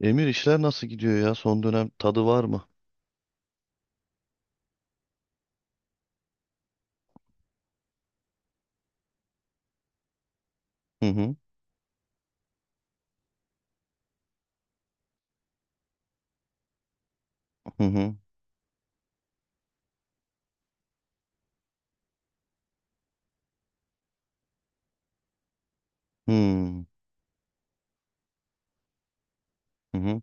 Emir, işler nasıl gidiyor ya? Son dönem tadı var mı? Hı hı, hı hı, hı hı, hı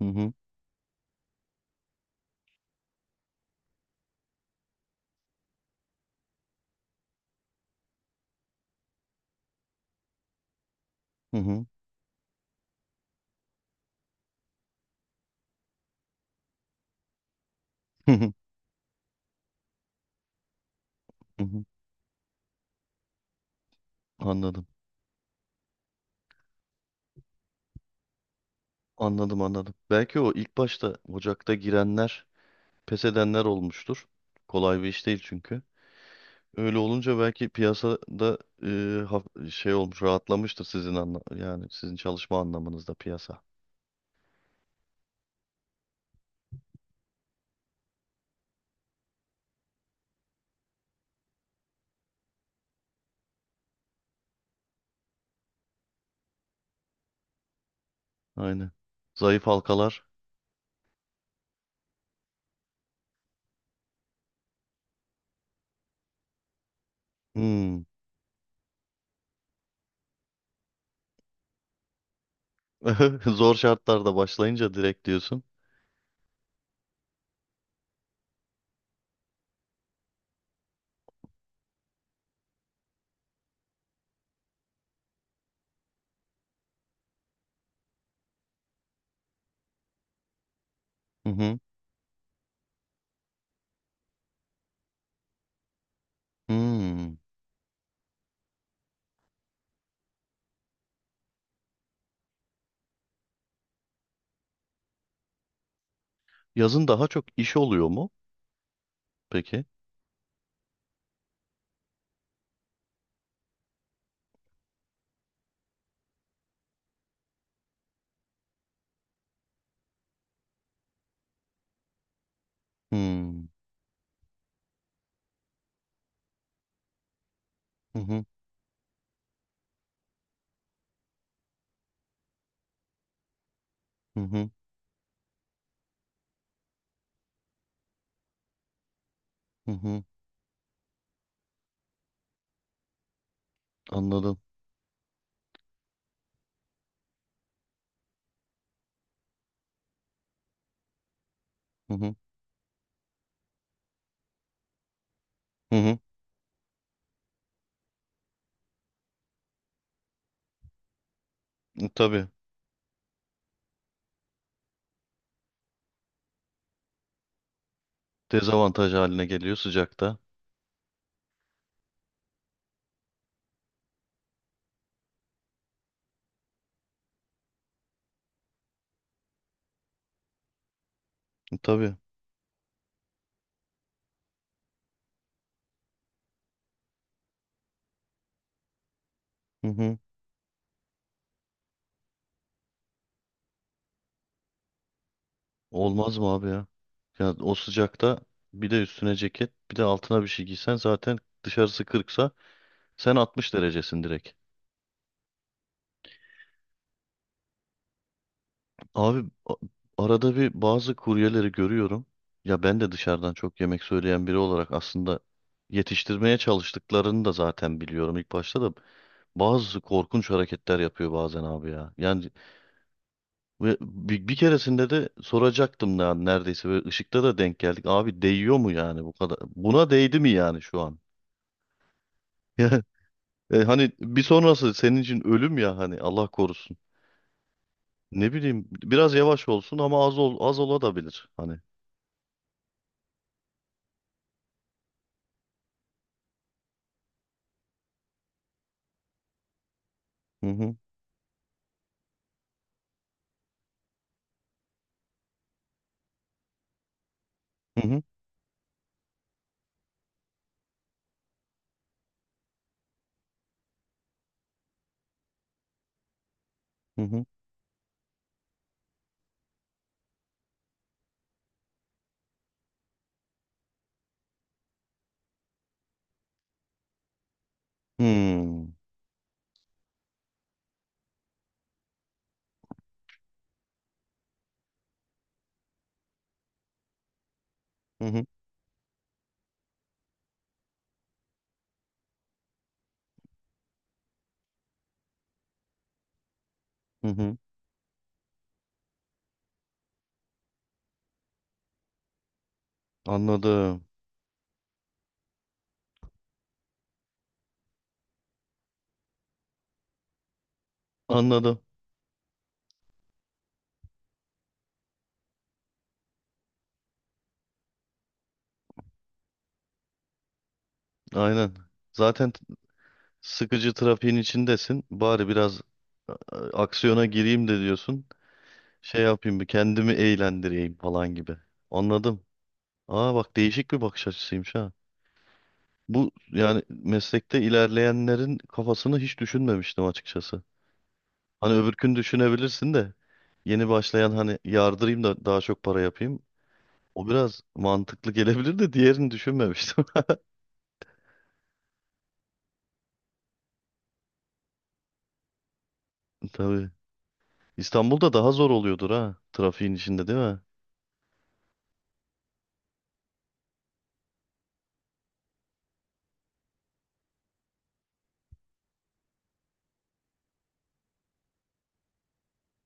hı, hı hı, hı hı, hı, hı hı. Anladım. Anladım, anladım. Belki o ilk başta Ocak'ta girenler pes edenler olmuştur. Kolay bir iş değil çünkü. Öyle olunca belki piyasada e, olmuş rahatlamıştır sizin anla yani sizin çalışma anlamınızda piyasa. Aynen. Zayıf halkalar. Hmm. Zor şartlarda başlayınca direkt diyorsun. Hı hı. Hmm. Yazın daha çok iş oluyor mu? Peki. Hmm. Hı hı. Hı hı. Hı hı. Anladım. Hı hı. Hı hı. E, Tabii. Dezavantaj haline geliyor sıcakta. E, Tabii. Hı hı. Olmaz mı abi ya? Ya o sıcakta bir de üstüne ceket, bir de altına bir şey giysen zaten dışarısı 40'sa sen 60 derecesin direkt. Abi a- Arada bir bazı kuryeleri görüyorum. Ya ben de dışarıdan çok yemek söyleyen biri olarak aslında yetiştirmeye çalıştıklarını da zaten biliyorum ilk başta da bazı korkunç hareketler yapıyor bazen abi ya. Yani ve bir keresinde de soracaktım ya neredeyse ve ışıkta da denk geldik. Abi değiyor mu yani bu kadar? Buna değdi mi yani şu an? Yani, hani bir sonrası senin için ölüm ya hani Allah korusun. Ne bileyim biraz yavaş olsun ama az olabilir hani. Hı hı. Hı hı. Hı hı. Hmm. Hı hı. Hı hı. Anladım. Anladım. Aynen. Zaten t- Sıkıcı trafiğin içindesin. Bari biraz aksiyona gireyim de diyorsun. Şey yapayım, bir kendimi eğlendireyim falan gibi. Anladım. Aa bak, değişik bir bakış açısıymış ha. Bu yani meslekte ilerleyenlerin kafasını hiç düşünmemiştim açıkçası. Hani öbürkünü düşünebilirsin de yeni başlayan hani yardırayım da daha çok para yapayım. O biraz mantıklı gelebilir de diğerini düşünmemiştim. Tabii. İstanbul'da daha zor oluyordur ha. Trafiğin içinde değil mi?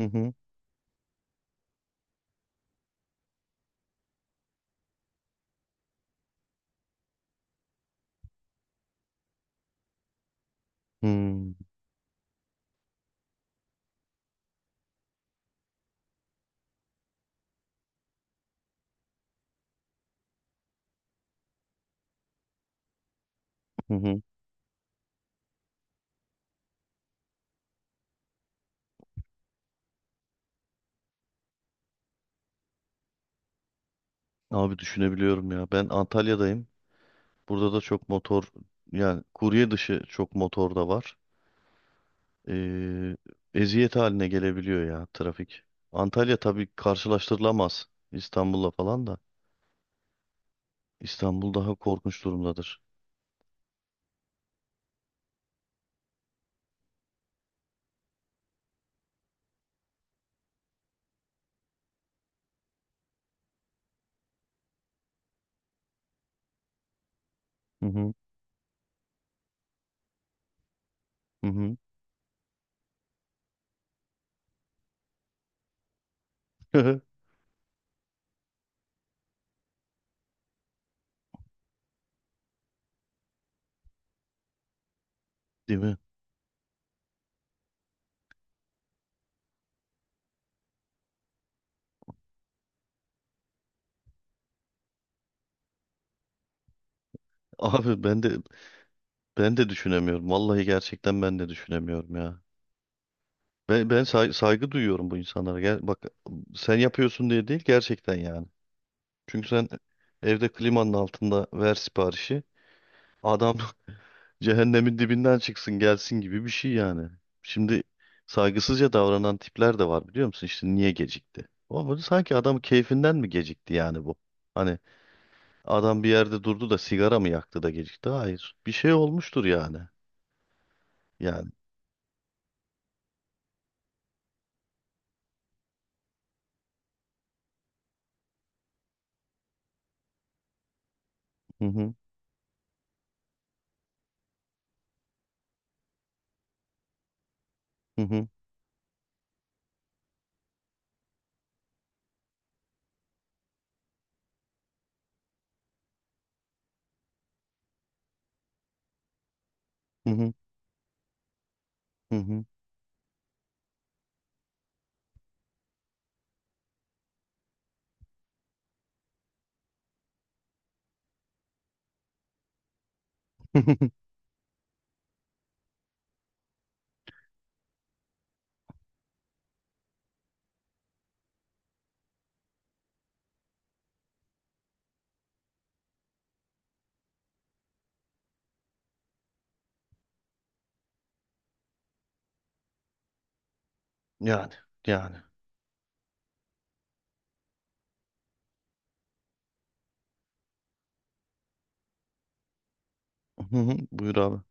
Hı hı. Hmm, hı hı. Abi düşünebiliyorum ya. Ben Antalya'dayım. Burada da çok motor, yani kurye dışı çok motor da var. Ee, Eziyet haline gelebiliyor ya trafik. Antalya tabii karşılaştırılamaz İstanbul'la falan da. İstanbul daha korkunç durumdadır. Hı hı. Hı hı. Değil mi? Abi ben de, ben de düşünemiyorum. Vallahi gerçekten ben de düşünemiyorum ya. Saygı duyuyorum bu insanlara. Gel, bak, sen yapıyorsun diye değil gerçekten yani. Çünkü sen evde klimanın altında ver siparişi. Adam cehennemin dibinden çıksın gelsin gibi bir şey yani. Şimdi saygısızca davranan tipler de var biliyor musun? İşte niye gecikti? O böyle sanki adam keyfinden mi gecikti yani bu? Hani adam bir yerde durdu da sigara mı yaktı da gecikti? Hayır. Bir şey olmuştur yani. Yani. Hı hı. Hı hı. Hı hı. Hı hı. Yani. Yani. Hı hı. Buyur abi.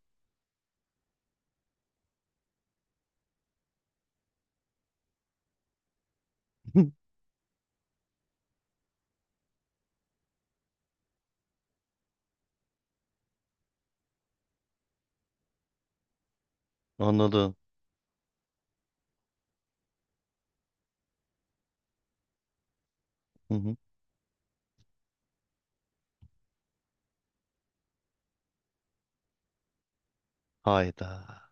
Hı, anladım. Hı hı. Hayda.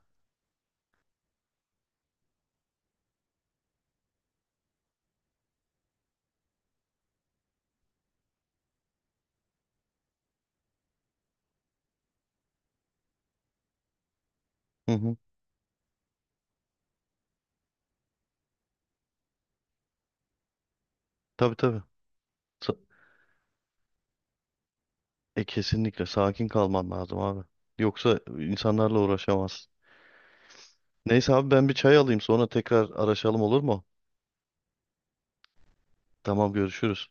Hı hı. Tabii, tabii. Sa- Kesinlikle sakin kalman lazım abi. Yoksa insanlarla uğraşamazsın. Neyse abi, ben bir çay alayım sonra tekrar araşalım olur mu? Tamam, görüşürüz.